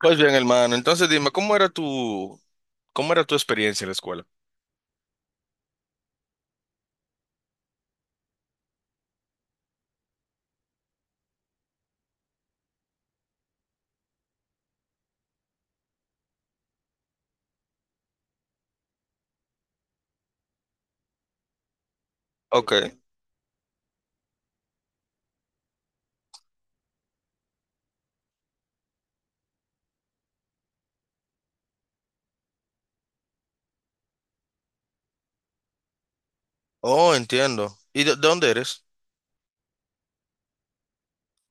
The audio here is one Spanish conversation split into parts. Pues bien, hermano, entonces dime, ¿cómo era cómo era tu experiencia en la escuela? Ok. Oh, entiendo. ¿Y de dónde eres?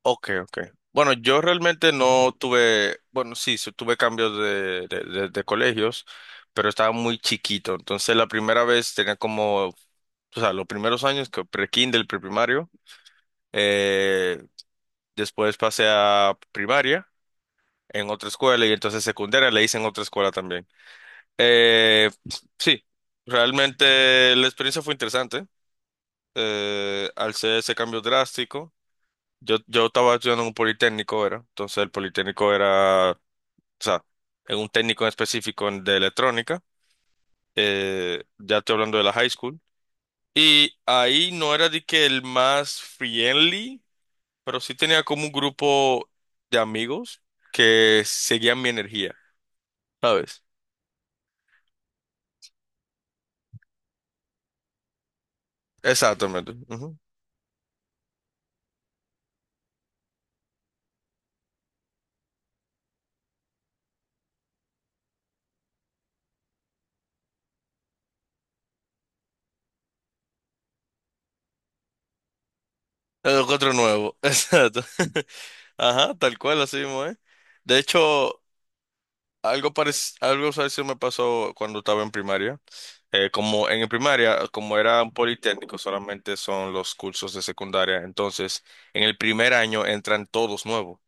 Ok, ok. Bueno, yo realmente no tuve, bueno, sí, sí tuve cambios de colegios, pero estaba muy chiquito. Entonces la primera vez tenía como, o sea, los primeros años que pre-kinder, preprimario. eh, Después pasé a primaria en otra escuela y entonces secundaria le hice en otra escuela también. Eh, sí, realmente la experiencia fue interesante. Al ser ese cambio drástico, yo estaba estudiando en un politécnico, era. Entonces el politécnico era, o sea, en un técnico en específico de electrónica. Ya estoy hablando de la high school. Y ahí no era de que el más friendly, pero sí tenía como un grupo de amigos que seguían mi energía, ¿sabes? Exactamente. Ujú. El otro nuevo, exacto. Ajá, tal cual, así mismo, ¿eh? De hecho, algo parecido me pasó cuando estaba en primaria. Como en primaria, como era un politécnico, solamente son los cursos de secundaria. Entonces, en el primer año entran todos nuevos.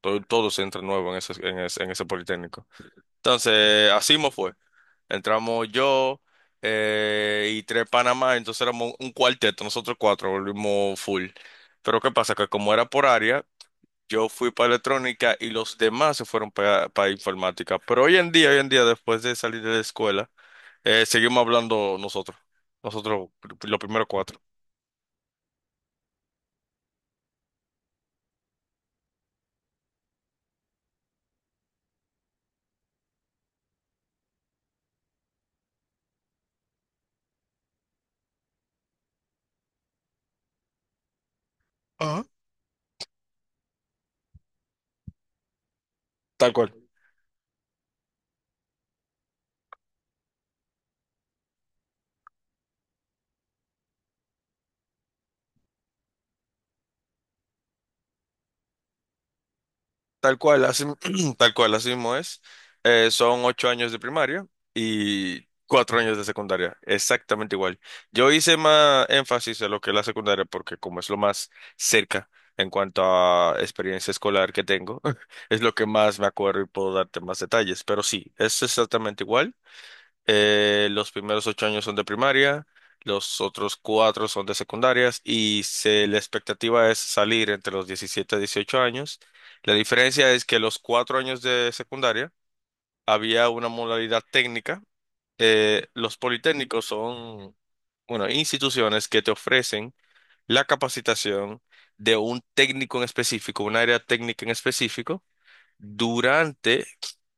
Todos entran nuevos en ese politécnico. Entonces, así me fue. Entramos yo y tres Panamá, entonces éramos un cuarteto, nosotros cuatro volvimos full. Pero ¿qué pasa? Que como era por área, yo fui para electrónica y los demás se fueron para informática. Pero hoy en día, después de salir de la escuela, seguimos hablando nosotros. Nosotros, los primeros cuatro. Ajá. Tal cual. Tal cual, así, tal cual, así mismo es. Son 8 años de primaria y 4 años de secundaria, exactamente igual. Yo hice más énfasis en lo que es la secundaria porque como es lo más cerca en cuanto a experiencia escolar que tengo, es lo que más me acuerdo y puedo darte más detalles. Pero sí, es exactamente igual. Los primeros 8 años son de primaria, los otros 4 son de secundarias y la expectativa es salir entre los 17 y 18 años. La diferencia es que los 4 años de secundaria había una modalidad técnica. Los politécnicos son, bueno, instituciones que te ofrecen la capacitación de un técnico en específico, un área técnica en específico durante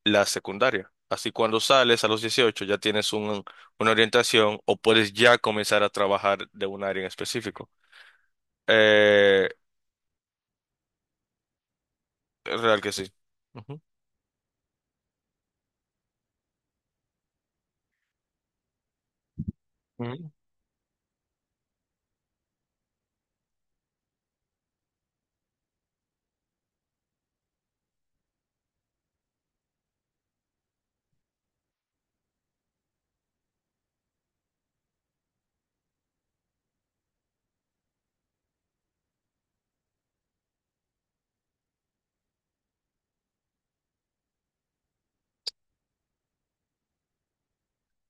la secundaria. Así cuando sales a los 18 ya tienes una orientación o puedes ya comenzar a trabajar de un área en específico. Eh, Real que sí. Ujú. Ujú.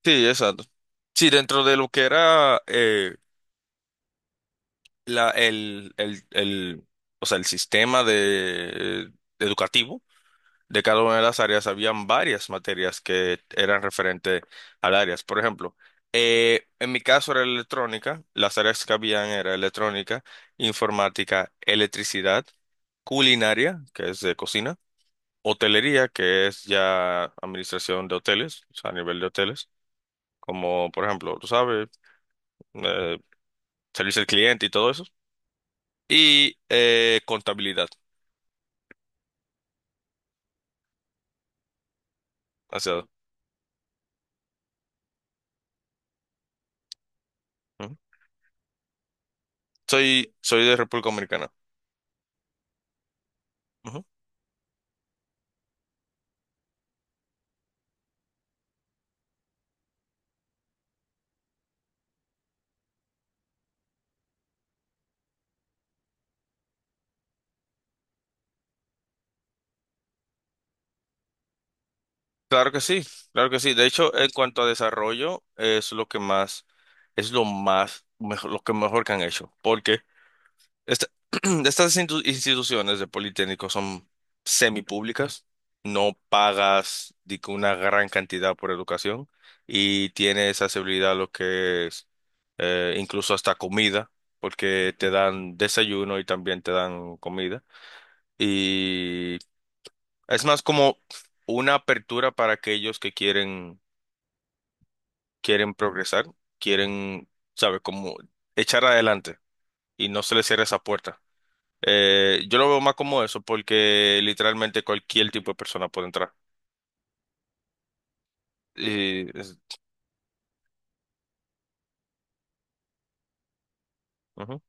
Sí, exacto. Sí, dentro de lo que era la, el, o sea, el sistema educativo. De cada una de las áreas habían varias materias que eran referentes al áreas. Por ejemplo, en mi caso era electrónica, las áreas que habían era electrónica, informática, electricidad, culinaria, que es de cocina, hotelería, que es ya administración de hoteles, o sea, a nivel de hoteles, como por ejemplo, tú sabes, eh, servicio al cliente y todo eso, y contabilidad. O sea, ujú. Soy, soy de República Dominicana. Claro que sí, claro que sí. De hecho, en cuanto a desarrollo, es lo que más, es lo más, mejor, lo que mejor que han hecho. Porque esta- estas instituciones de Politécnico son semipúblicas, no pagas di que una gran cantidad por educación y tienes accesibilidad a lo que es incluso hasta comida, porque te dan desayuno y también te dan comida. Y es más como una apertura para aquellos que quieren quieren progresar, quieren, ¿sabes?, como echar adelante y no se les cierra esa puerta. Yo lo veo más como eso porque literalmente cualquier tipo de persona puede entrar. Y es- Ujú.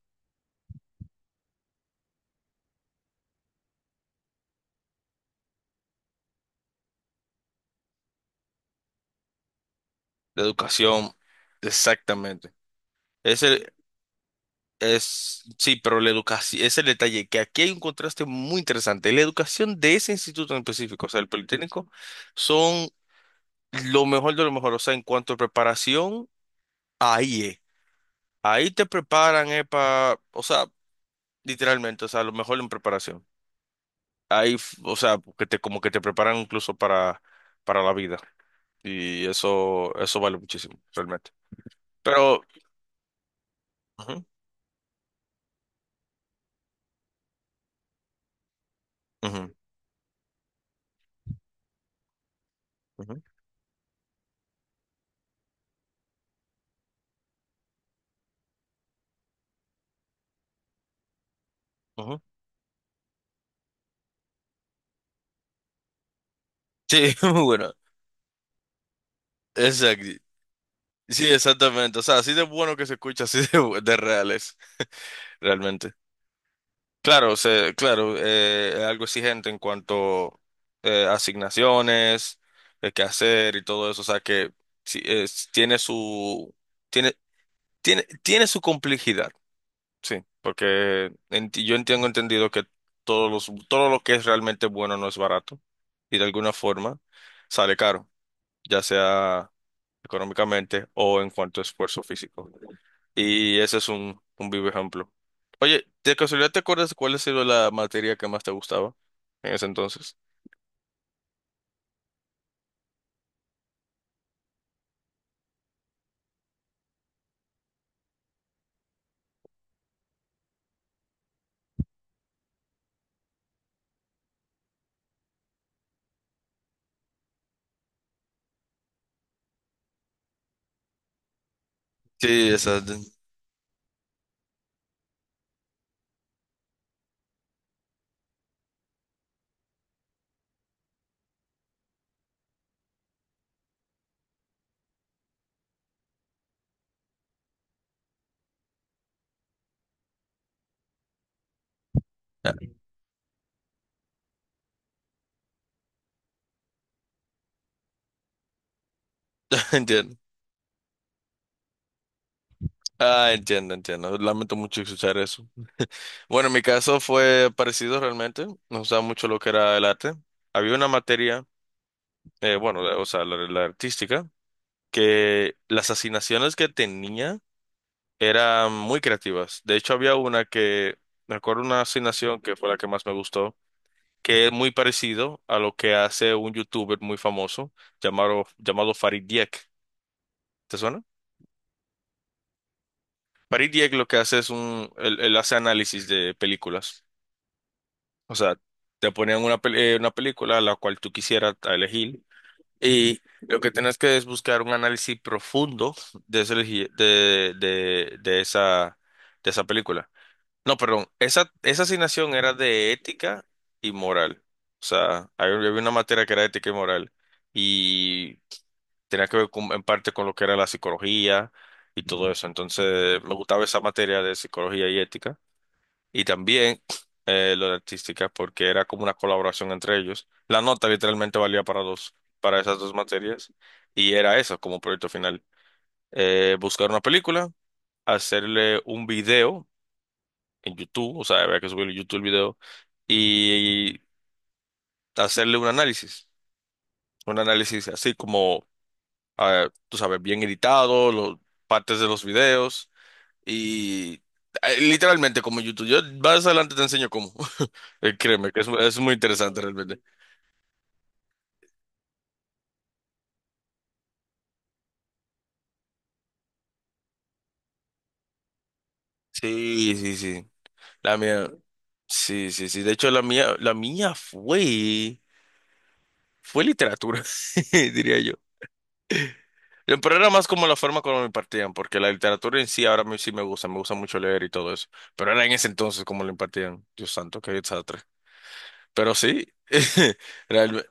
La educación, exactamente. Ese es, sí, pero la educación, ese es el detalle, que aquí hay un contraste muy interesante. La educación de ese instituto en específico, o sea, el Politécnico, son lo mejor de lo mejor, o sea, en cuanto a preparación, ahí es. Ahí te preparan, para, o sea, literalmente, o sea, a lo mejor en preparación. Ahí, o sea, que te, como que te preparan incluso para la vida. Y eso vale muchísimo, realmente. Pero, ujú, ujú, ujú, ujú. Sí, muy bueno. Exacto. Sí, exactamente. O sea, así de bueno que se escucha, así de, de real es, realmente. Claro, se claro, es algo exigente en cuanto asignaciones, de qué hacer y todo eso. O sea, que sí, tiene su... Tiene, tiene su complejidad, sí, porque yo entiendo entendido que todo lo que es realmente bueno no es barato y de alguna forma sale caro, ya sea económicamente o en cuanto a esfuerzo físico. Y ese es un vivo ejemplo. Oye, ¿de casualidad te acuerdas cuál ha sido la materia que más te gustaba en ese entonces? Sí, exacto. Entiendo. Ah, entiendo, entiendo. Lamento mucho escuchar eso. Bueno, en mi caso fue parecido realmente. Nos gustaba mucho lo que era el arte. Había una materia, bueno, o sea, la artística, que las asignaciones que tenía eran muy creativas. De hecho, había una que, me acuerdo una asignación que fue la que más me gustó, que es muy parecido a lo que hace un youtuber muy famoso llamado Farid Dieck. ¿Te suena? Farid Dieck lo que hace es un, él hace análisis de películas. O sea, te ponían una, una película a la cual tú quisieras elegir y lo que tienes que es buscar un análisis profundo de, ese elegi- de esa película. No, perdón, esa asignación era de ética y moral. O sea, había una materia que era ética y moral y tenía que ver en parte con lo que era la psicología y todo eso. Entonces, me gustaba esa materia de psicología y ética y también lo de artística, porque era como una colaboración entre ellos. La nota literalmente valía para dos, para esas dos materias, y era eso como proyecto final. Buscar una película, hacerle un video en YouTube, o sea, había que subirle a YouTube el video, y hacerle un análisis así como, ah, tú sabes, bien editado, los, partes de los videos. Y literalmente como YouTube. Yo más adelante te enseño cómo. Créeme, que es muy interesante realmente. Sí, sí, sí. La mía, sí, sí, sí. De hecho, la mía fue, fue literatura, diría yo. Pero era más como la forma como me impartían, porque la literatura en sí ahora sí me gusta mucho leer y todo eso. Pero era en ese entonces como lo impartían. Dios santo, qué desastre. Pero sí, realmente.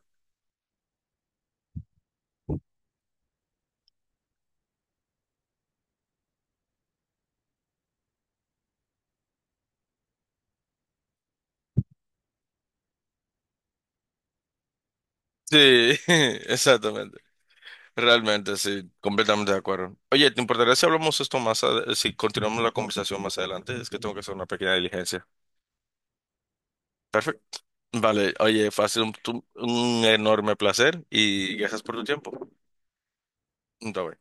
Sí, exactamente. Realmente, sí, completamente de acuerdo. Oye, ¿te importaría si hablamos esto más, si continuamos la conversación más adelante? Es que tengo que hacer una pequeña diligencia. Perfecto. Vale, oye, fue ha sido un enorme placer y gracias por tu tiempo. Bye, bye.